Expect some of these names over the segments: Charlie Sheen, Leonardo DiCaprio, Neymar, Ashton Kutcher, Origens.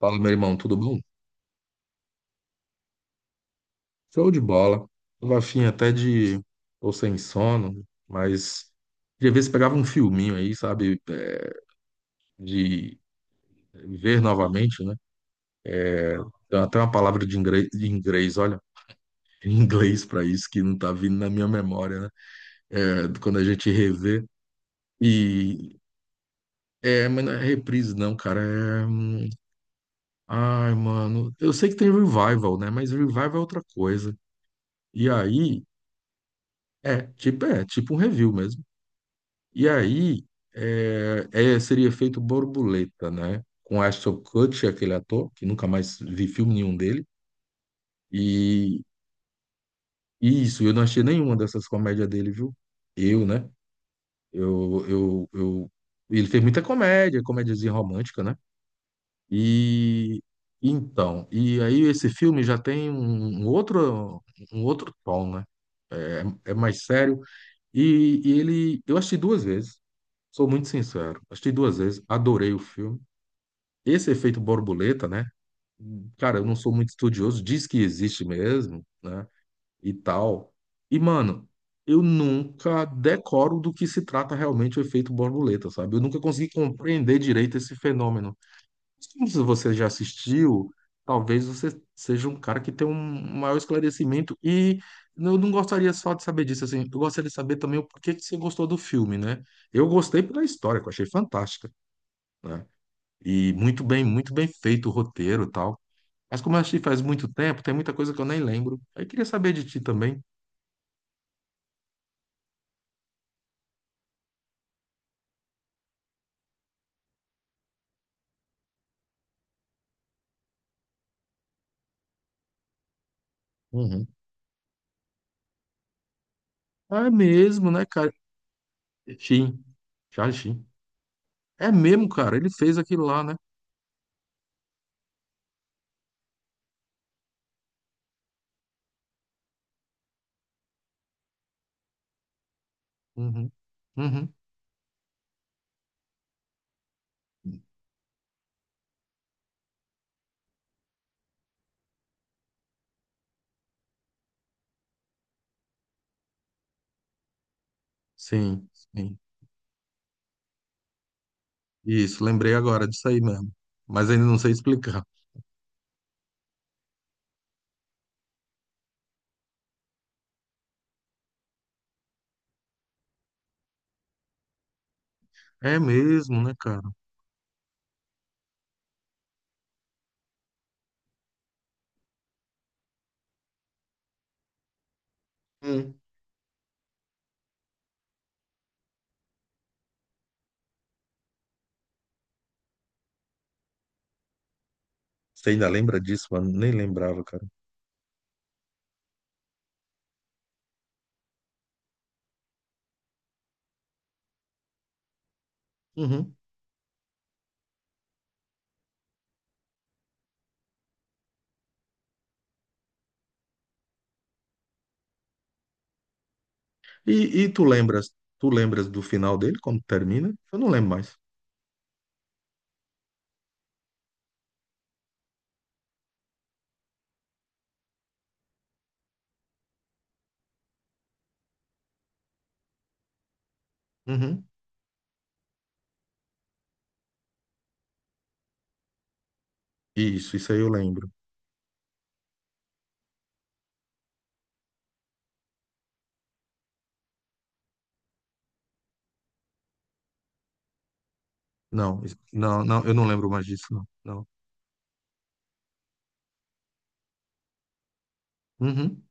Fala, meu irmão, tudo bom? Show de bola. Tava afim até de. Tô sem sono, mas queria ver se pegava um filminho aí, sabe? De ver novamente, né? Tem até uma palavra de inglês, olha, em inglês pra isso que não tá vindo na minha memória, né? É, quando a gente revê. E. É, mas não é reprise, não, cara. É. Ai, mano. Eu sei que tem revival, né? Mas revival é outra coisa. E aí. É tipo um review mesmo. E aí seria feito Borboleta, né? Com Ashton Kutcher, aquele ator, que nunca mais vi filme nenhum dele. E, e isso, eu não achei nenhuma dessas comédias dele, viu? Eu, né? Eu, ele fez muita comédia, comédiazinha romântica, né? E então, e aí esse filme já tem um outro, um outro tom, né? É, é mais sério. E ele, eu assisti duas vezes, sou muito sincero, assisti duas vezes, adorei o filme. Esse efeito borboleta, né? Cara, eu não sou muito estudioso, diz que existe mesmo, né? E tal. E, mano, eu nunca decoro do que se trata realmente o efeito borboleta, sabe? Eu nunca consegui compreender direito esse fenômeno. Como se você já assistiu, talvez você seja um cara que tem um maior esclarecimento. E eu não gostaria só de saber disso, assim. Eu gostaria de saber também o porquê que você gostou do filme, né? Eu gostei pela história, que eu achei fantástica, né? E muito bem feito o roteiro e tal. Mas como eu assisti faz muito tempo, tem muita coisa que eu nem lembro. Aí queria saber de ti também. Uhum. Ah, é mesmo, né, cara? Sheen. Charlie Sheen. É mesmo, cara. Ele fez aquilo lá, né? Uhum. Uhum. Sim, sim. Isso, lembrei agora disso aí mesmo. Mas ainda não sei explicar. É mesmo, né, cara? Hum. Você ainda lembra disso, mano? Nem lembrava, cara. Uhum. E, e tu lembras, tu lembras do final dele, quando termina? Eu não lembro mais. Uhum. Isso aí eu lembro. Não, não, não, eu não lembro mais disso, não. Não. Uhum.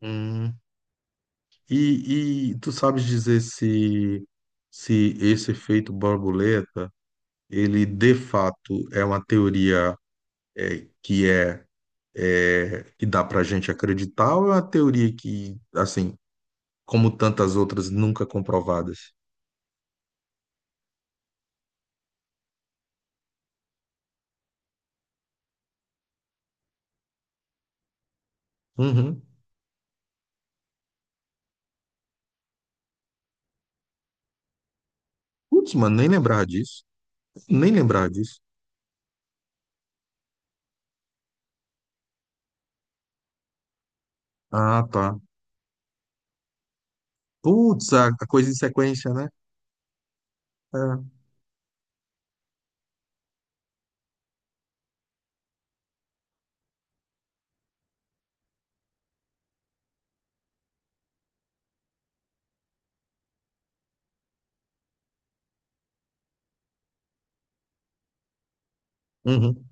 Hum. E tu sabes dizer se, se esse efeito borboleta, ele de fato é uma teoria é, que é, é que dá pra gente acreditar ou é uma teoria que, assim, como tantas outras, nunca comprovadas? Uhum. Putz, mano, nem lembrar disso. Nem lembrar disso. Ah, tá. Putz, a coisa em sequência, né? É. Uhum.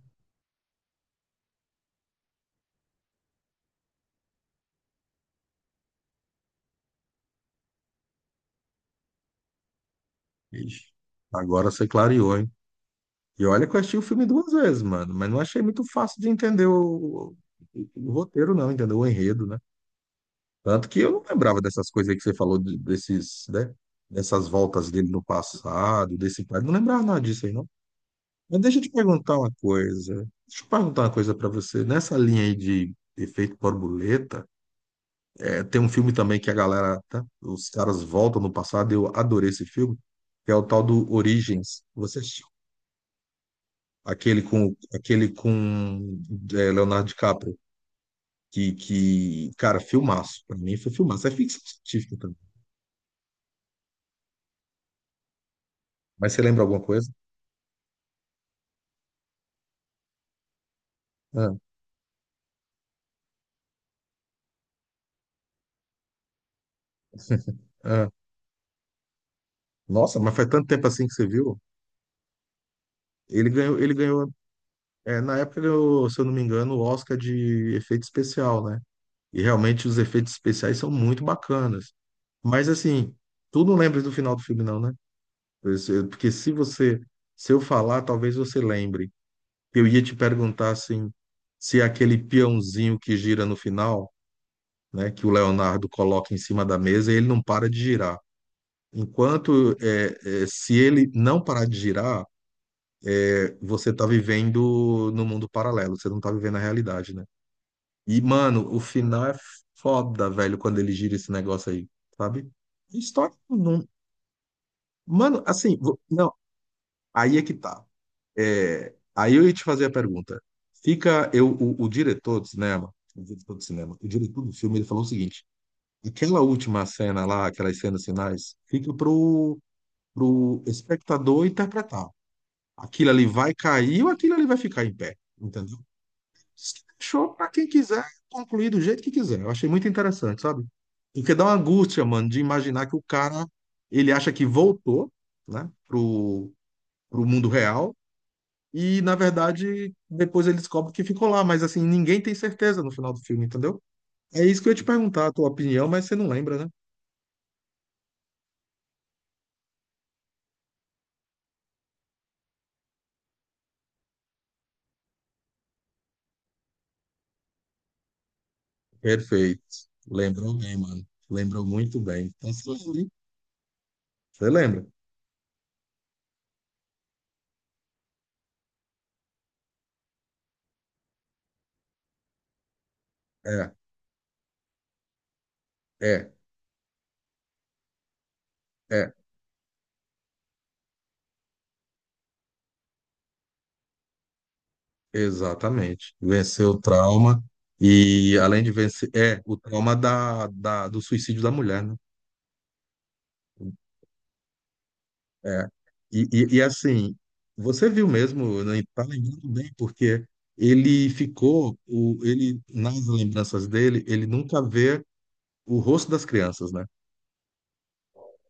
Ixi, agora você clareou, hein? E olha que eu assisti o filme duas vezes, mano, mas não achei muito fácil de entender o roteiro, não, entendeu? O enredo, né? Tanto que eu não lembrava dessas coisas aí que você falou, desses, né? Dessas voltas dele no passado, desse pai. Não lembrava nada disso aí, não. Mas deixa eu te perguntar uma coisa. Deixa eu perguntar uma coisa pra você. Nessa linha aí de efeito borboleta, é, tem um filme também que a galera, tá? Os caras voltam no passado, eu adorei esse filme, que é o tal do Origens. Você aquele com é, Leonardo DiCaprio, cara, filmaço. Pra mim foi filmaço. É ficção científica também. Mas você lembra alguma coisa? Ah, ah. Nossa, mas faz tanto tempo assim que você viu? Ele ganhou, ele ganhou, na época ele ganhou, se eu não me engano, o Oscar de efeito especial, né? E realmente os efeitos especiais são muito bacanas. Mas assim, tu não lembra do final do filme, não, né? Porque se você, se eu falar, talvez você lembre. Eu ia te perguntar assim, se aquele peãozinho que gira no final, né, que o Leonardo coloca em cima da mesa, ele não para de girar. Enquanto se ele não parar de girar, você tá vivendo no mundo paralelo, você não tá vivendo a realidade, né? E, mano, o final é foda, velho, quando ele gira esse negócio aí, sabe? História não. Mano, assim, não, aí é que tá. É, aí eu ia te fazer a pergunta. Fica eu, o diretor do cinema, o diretor do cinema, o diretor do filme, ele falou o seguinte: aquela última cena lá, aquelas cenas finais, fica pro espectador interpretar. Aquilo ali vai cair ou aquilo ali vai ficar em pé, entendeu? Isso que deixou para quem quiser concluir do jeito que quiser. Eu achei muito interessante, sabe? Porque dá uma angústia, mano, de imaginar que o cara ele acha que voltou, né, pro mundo real e, na verdade, depois ele descobre que ficou lá, mas assim, ninguém tem certeza no final do filme, entendeu? É isso que eu ia te perguntar, a tua opinião, mas você não lembra, né? Perfeito. Lembrou bem, mano. Lembrou muito bem. Então, se você li, você lembra? É, é, é. Exatamente. Venceu o trauma e, além de vencer, é o trauma do suicídio da mulher, né? É. E, assim, você viu mesmo, né, tá lembrando bem, porque ele ficou, ele, nas lembranças dele, ele nunca vê o rosto das crianças, né?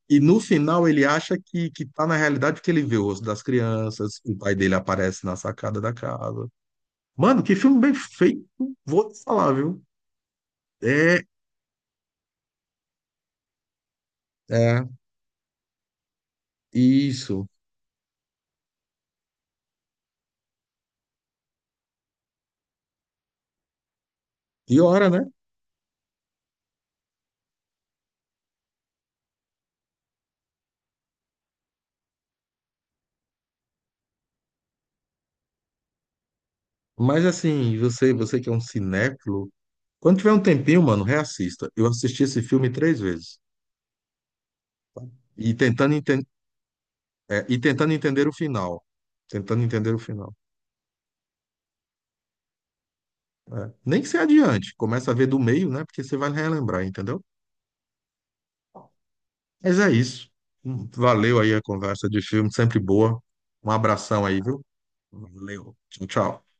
E no final ele acha que tá na realidade porque ele vê o rosto das crianças, o pai dele aparece na sacada da casa. Mano, que filme bem feito, vou te falar, viu? É, é, isso. E ora né? Mas assim, você que é um cinéfilo, quando tiver um tempinho, mano, reassista. Eu assisti esse filme 3 vezes. E tentando, enten- e tentando entender o final. Tentando entender o final. É. Nem que você adiante. Começa a ver do meio, né? Porque você vai relembrar, entendeu? Mas é isso. Valeu aí a conversa de filme, sempre boa. Um abração aí, viu? Valeu. Tchau, tchau.